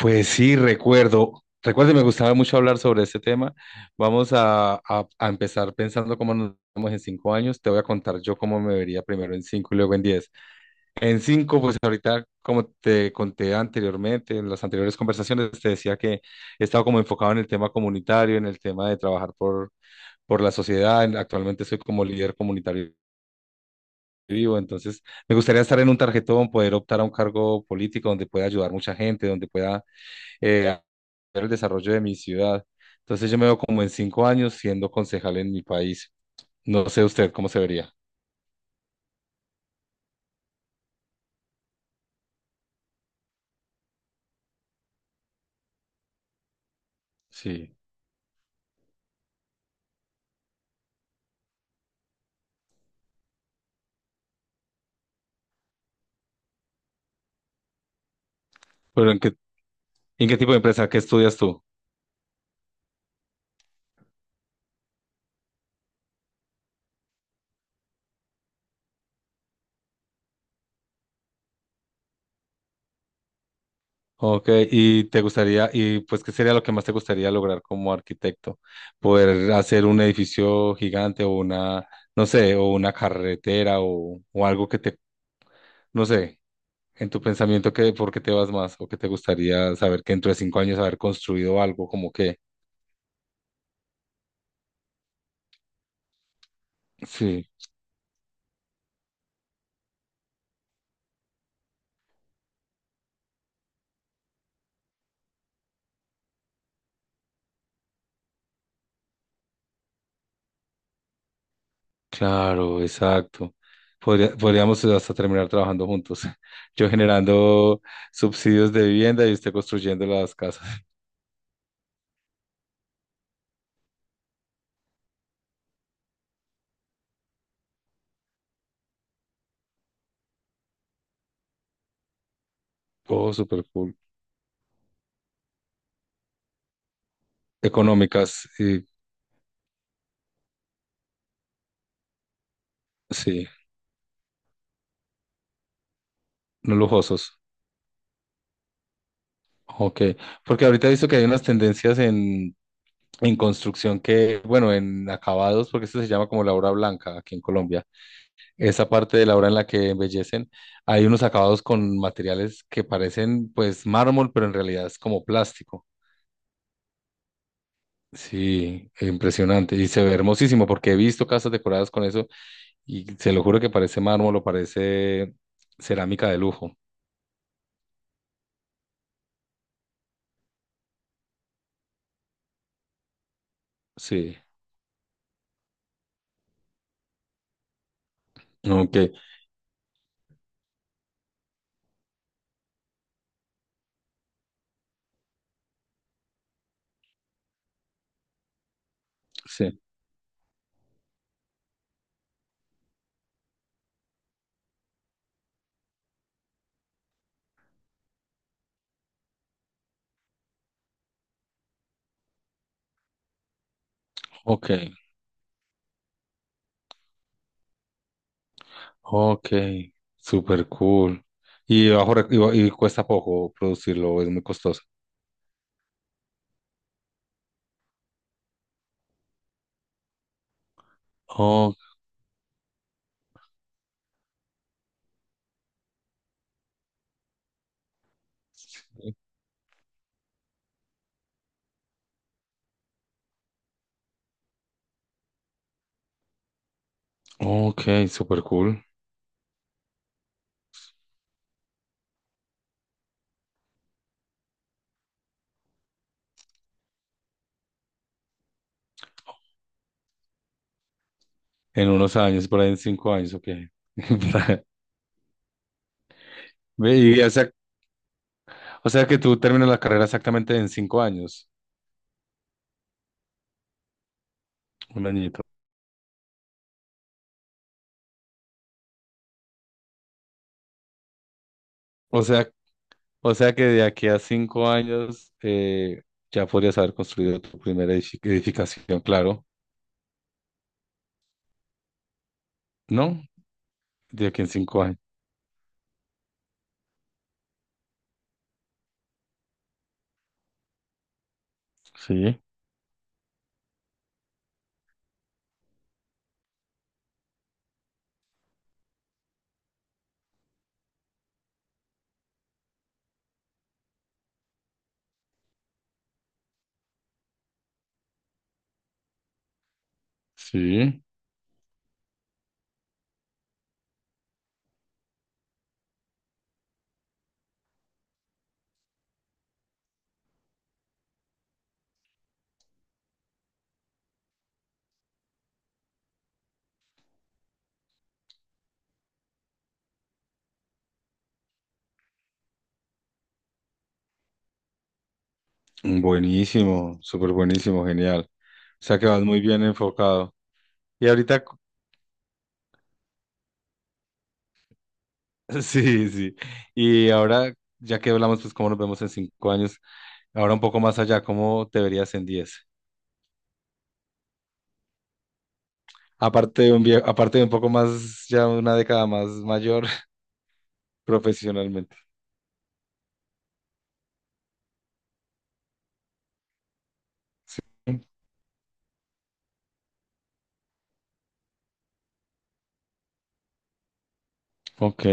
Pues sí, recuerdo. Recuerdo, y me gustaba mucho hablar sobre este tema. Vamos a empezar pensando cómo nos vemos en 5 años. Te voy a contar yo cómo me vería primero en cinco y luego en diez. En cinco, pues ahorita, como te conté anteriormente, en las anteriores conversaciones, te decía que he estado como enfocado en el tema comunitario, en el tema de trabajar por la sociedad. Actualmente soy como líder comunitario vivo, entonces me gustaría estar en un tarjetón, poder optar a un cargo político donde pueda ayudar mucha gente, donde pueda hacer el desarrollo de mi ciudad. Entonces yo me veo como en 5 años siendo concejal en mi país. No sé usted cómo se vería. Sí. Pero en qué tipo de empresa? ¿Qué estudias tú? Ok, y te gustaría, y pues, ¿qué sería lo que más te gustaría lograr como arquitecto? ¿Poder hacer un edificio gigante o una, no sé, o una carretera o algo que te, no sé, en tu pensamiento, que, ¿por qué te vas más? ¿O qué te gustaría saber que dentro de 5 años haber construido algo como que, sí. Claro, exacto. Podría- podríamos hasta terminar trabajando juntos. Yo generando subsidios de vivienda y usted construyendo las casas. Oh, súper cool. Económicas y sí, no lujosos. Ok. Porque ahorita he visto que hay unas tendencias en construcción que, bueno, en acabados, porque esto se llama como la obra blanca aquí en Colombia. Esa parte de la obra en la que embellecen, hay unos acabados con materiales que parecen pues mármol, pero en realidad es como plástico. Sí, impresionante. Y se ve hermosísimo porque he visto casas decoradas con eso y se lo juro que parece mármol o parece cerámica de lujo. Sí, ok, sí, ok, ok, super cool. Y, bajo, rec- y, ba- y cuesta poco producirlo, es muy costoso. Oh, ok, super cool. En unos años, por ahí en 5 años, ok. Ve, y, o sea que tú terminas la carrera exactamente en 5 años, un añito. O sea O sea que de aquí a 5 años ya podrías haber construido tu primera edificación, claro, ¿no? De aquí en 5 años. Sí, sí. Buenísimo, súper buenísimo, genial. O sea que vas muy bien enfocado. Y ahorita. Sí, sí. Y ahora, ya que hablamos, pues cómo nos vemos en cinco años, ahora un poco más allá, ¿cómo te verías en diez? Aparte de un poco más, ya una década más mayor profesionalmente. Sí. Ok.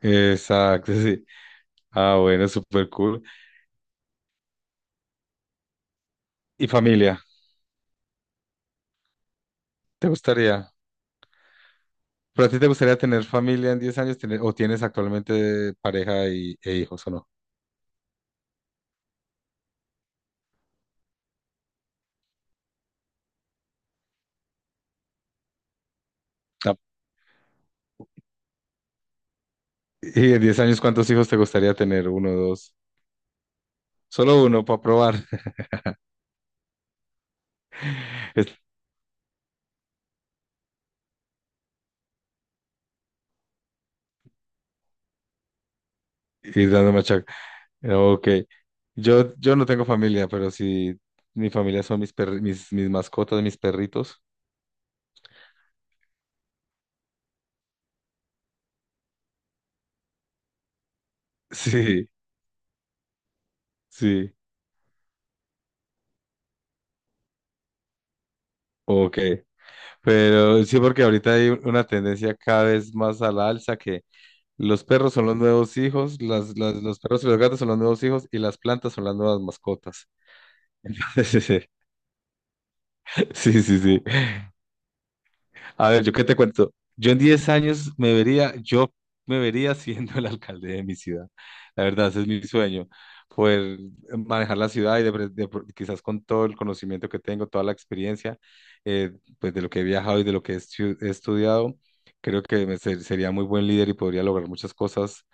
Exacto, sí. Ah, bueno, súper cool. ¿Y familia? ¿Te gustaría? ¿Pero a ti te gustaría tener familia en 10 años? ¿Tener- ¿O tienes actualmente pareja y, e hijos o no? No. ¿Y en 10 años cuántos hijos te gustaría tener? ¿Uno, dos? Solo uno para probar. Es- Ir dando machaca. Ok. Yo no tengo familia, pero sí, mi familia son mis mascotas, mis perritos. Sí, sí. Ok. Pero sí, porque ahorita hay una tendencia cada vez más a la alza. Los perros son los nuevos hijos, los perros y los gatos son los nuevos hijos y las plantas son las nuevas mascotas. Sí, sí, sí. Sí, sí, sí. A ver, ¿yo qué te cuento? Yo en 10 años me vería siendo el alcalde de mi ciudad. La verdad, ese es mi sueño, poder manejar la ciudad y de pre- de pro- quizás con todo el conocimiento que tengo, toda la experiencia, eh, pues de lo que he viajado y de lo que he estudiado, creo que sería muy buen líder y podría lograr muchas cosas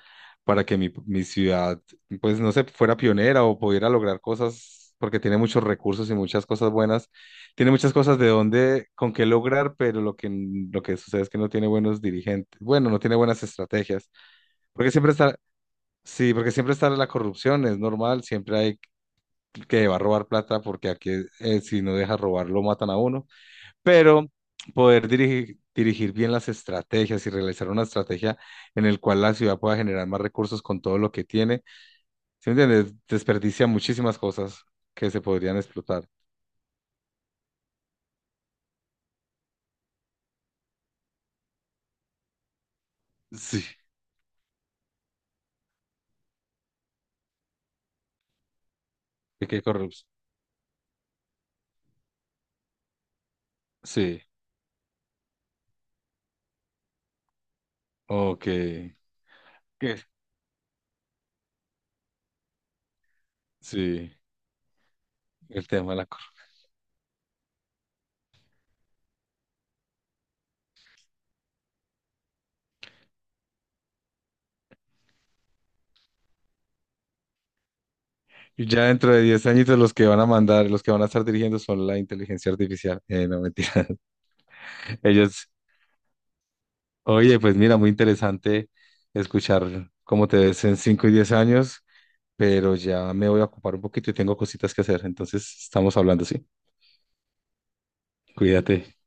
para que mi ciudad, pues no sé, fuera pionera o pudiera lograr cosas, porque tiene muchos recursos y muchas cosas buenas, tiene muchas cosas de dónde, con qué lograr, pero lo que sucede es que no tiene buenos dirigentes, bueno, no tiene buenas estrategias, porque siempre está, sí, porque siempre está la corrupción, es normal, siempre hay que va a robar plata, porque aquí si no deja robar lo matan a uno, pero poder dirigir bien las estrategias y realizar una estrategia en el cual la ciudad pueda generar más recursos con todo lo que tiene. ¿Sí me entiendes? Desperdicia muchísimas cosas que se podrían explotar. Sí. ¿De qué corrupción? Sí, ok. ¿Qué? Sí, el tema de la corrupción. Y ya dentro de 10 añitos los que van a mandar, los que van a estar dirigiendo son la inteligencia artificial. No, mentira. Ellos, oye, pues mira, muy interesante escuchar cómo te ves en 5 y 10 años, pero ya me voy a ocupar un poquito y tengo cositas que hacer. Entonces, estamos hablando, sí. Cuídate.